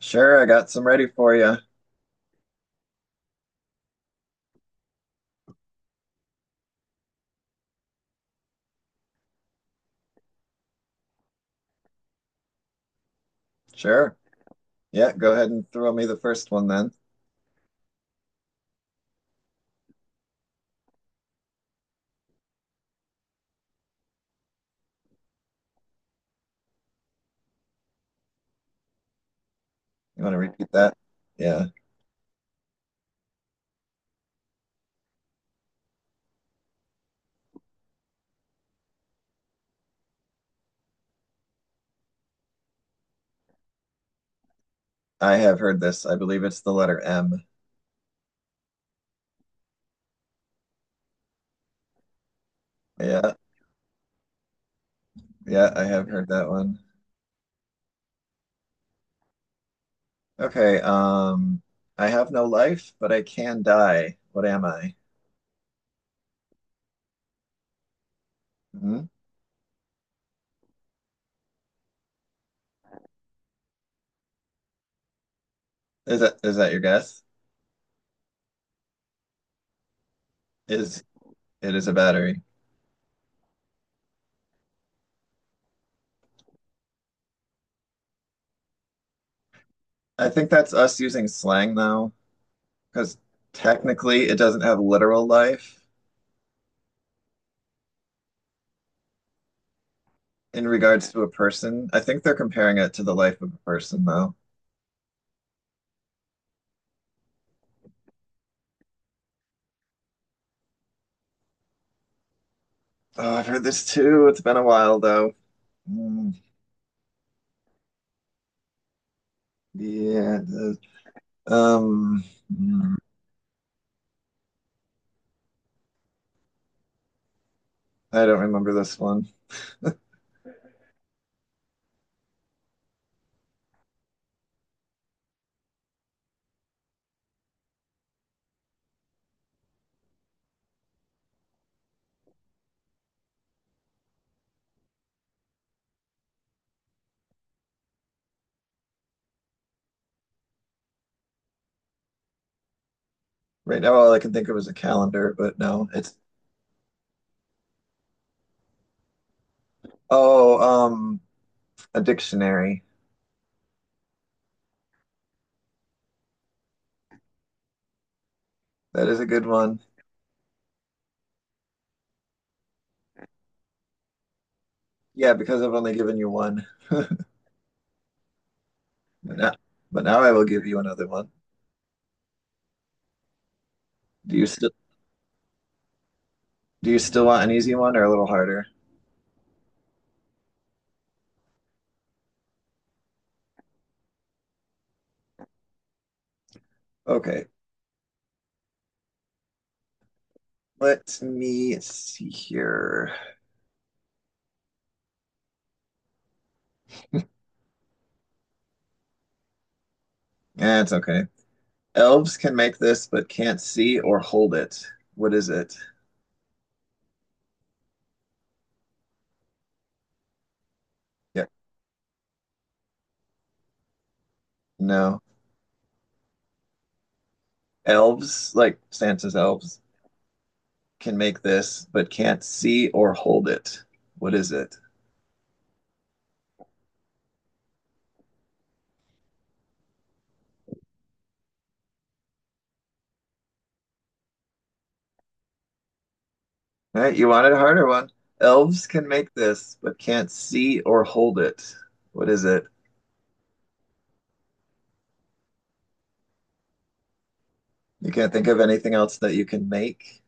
Sure, I got some ready for you. Sure. Yeah, go ahead and throw me the first one then. You want to repeat that? Yeah, I have heard this. I believe it's the letter M. Yeah, yeah, I have heard that one. Okay, I have no life, but I can die. What am I? Hmm? Is that your guess? Is it is a battery? I think that's us using slang though, because technically it doesn't have literal life in regards to a person. I think they're comparing it to the life of a person though. Oh, I've heard this too. It's been a while though. Mm, yeah. Um, mm, I don't remember this one. Right now, all I can think of is a calendar, but no, it's oh, um, a dictionary. That is a good one. Yeah, because I've only given you one. But now, but now I will give you another one. Do you still do you still want an easy one or a little harder? Okay, let me see here. Yeah, it's okay. Elves can make this, but can't see or hold it. What is it? Yeah, no. Elves, like Santa's elves, can make this, but can't see or hold it. What is it? All right, you wanted a harder one. Elves can make this, but can't see or hold it. What is it? You can't think of anything else that you can make.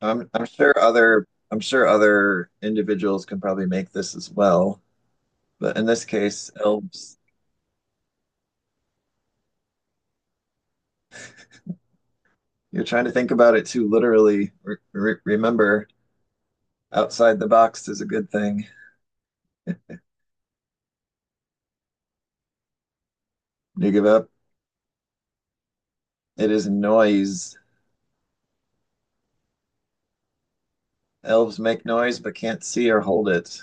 I'm sure other individuals can probably make this as well, but in this case, elves, you're trying to think about it too literally. Re re remember, outside the box is a good thing. You give up. It is noise. Elves make noise but can't see or hold it.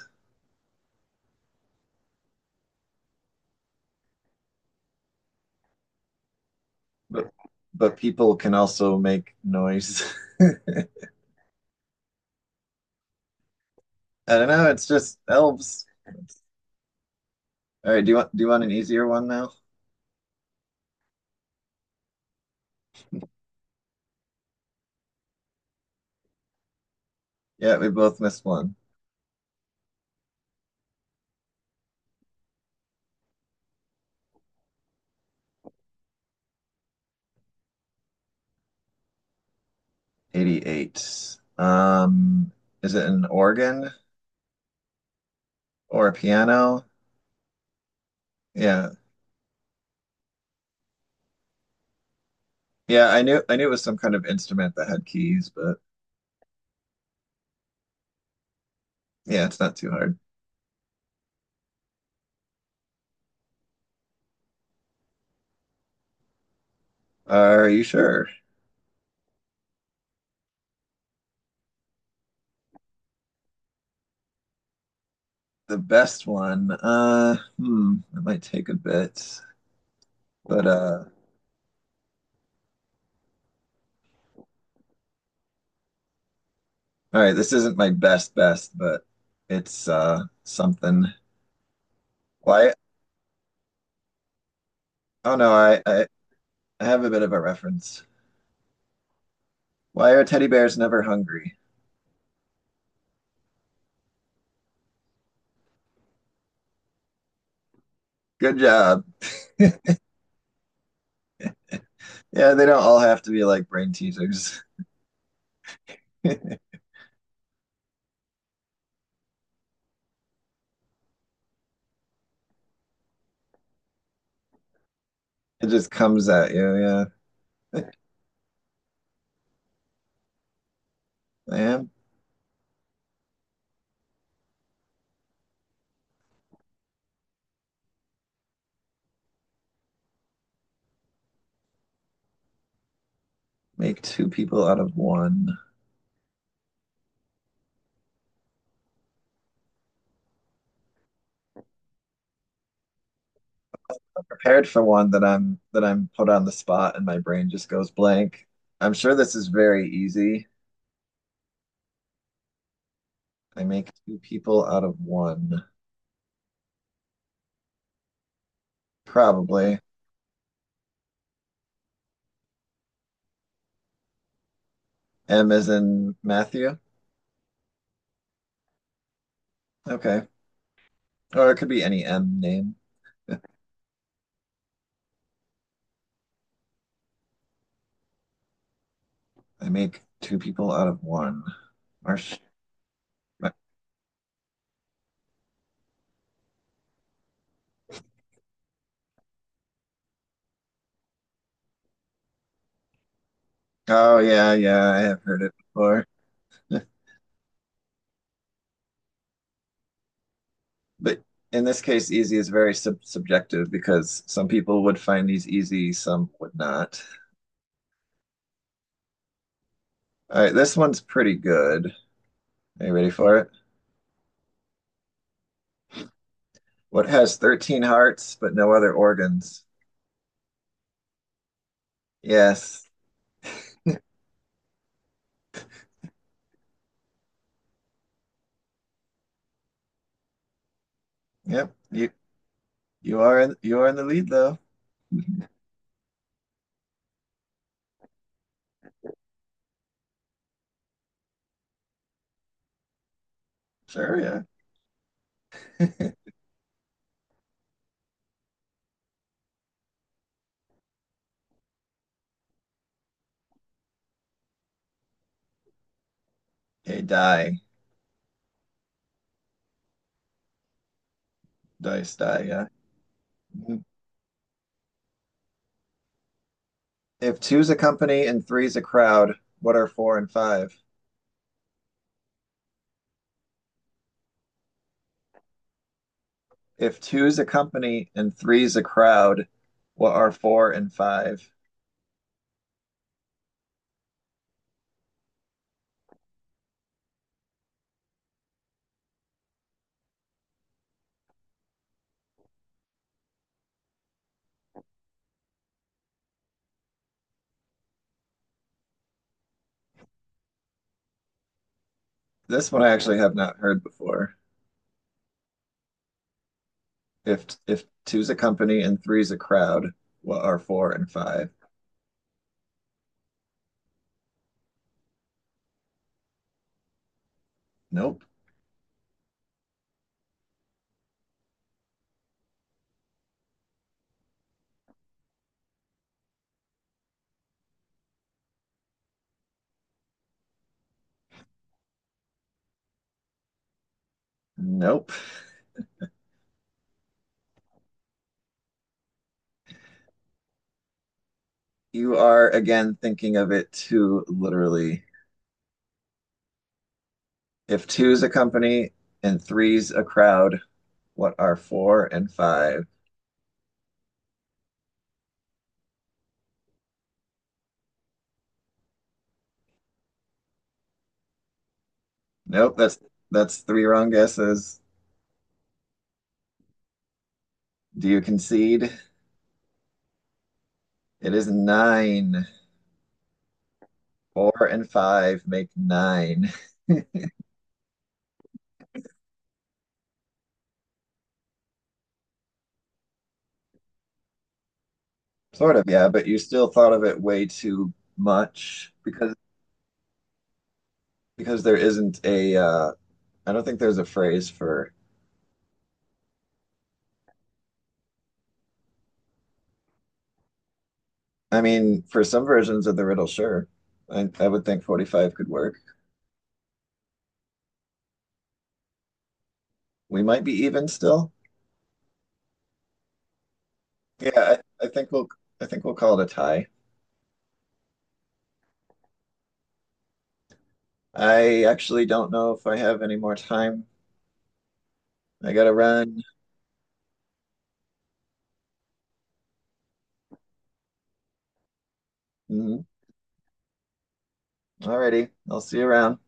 But but people can also make noise. I don't know. It's just elves. All right. Do you want an easier one now? Yeah, we both missed one. 88. Is it an organ or a piano? Yeah. Yeah, I knew it was some kind of instrument that had keys, but yeah, it's not too hard. Are you sure? The best one. It might take a bit, but all right, this isn't my best best, but it's something. Why? Oh no, I have a bit of a reference. Why are teddy bears never hungry? Good job. Yeah, they don't all have to be like brain teasers. It just comes at you. Yeah, I am. Make two people out of one. I'm prepared for one that I'm put on the spot and my brain just goes blank. I'm sure this is very easy. I make two people out of one. Probably. M as in Matthew? Okay. Or it could be any M name. I make two people out of one. Or oh yeah, yeah, I have heard it before. But in this case, easy is very subjective because some people would find these easy, some would not. All right, this one's pretty good. Are you ready for it? What has 13 hearts but no other organs? Yes. Yep. You are in the lead though. Sure, yeah. A die, dice, die, yeah. Mhm. If two's a company and three's a crowd, what are four and five? If two's a company and three's a crowd, what are four and five? This one I actually have not heard before. If two's a company and three's a crowd, what are four and five? Nope. Nope. You are again thinking of it too literally. If two's a company and three's a crowd, what are four and five? Nope, that's that's three wrong guesses. Do you concede? It is nine. Four and five make nine. Sort of, yeah, but you still thought of it way too much because there isn't a I don't think there's a phrase for I mean, for some versions of the riddle, sure. I would think 45 could work. We might be even still. Yeah, I, I think we'll I think we'll call it a tie. I actually don't know if I have any more time. I gotta run. Mhm. Alrighty, I'll see you around.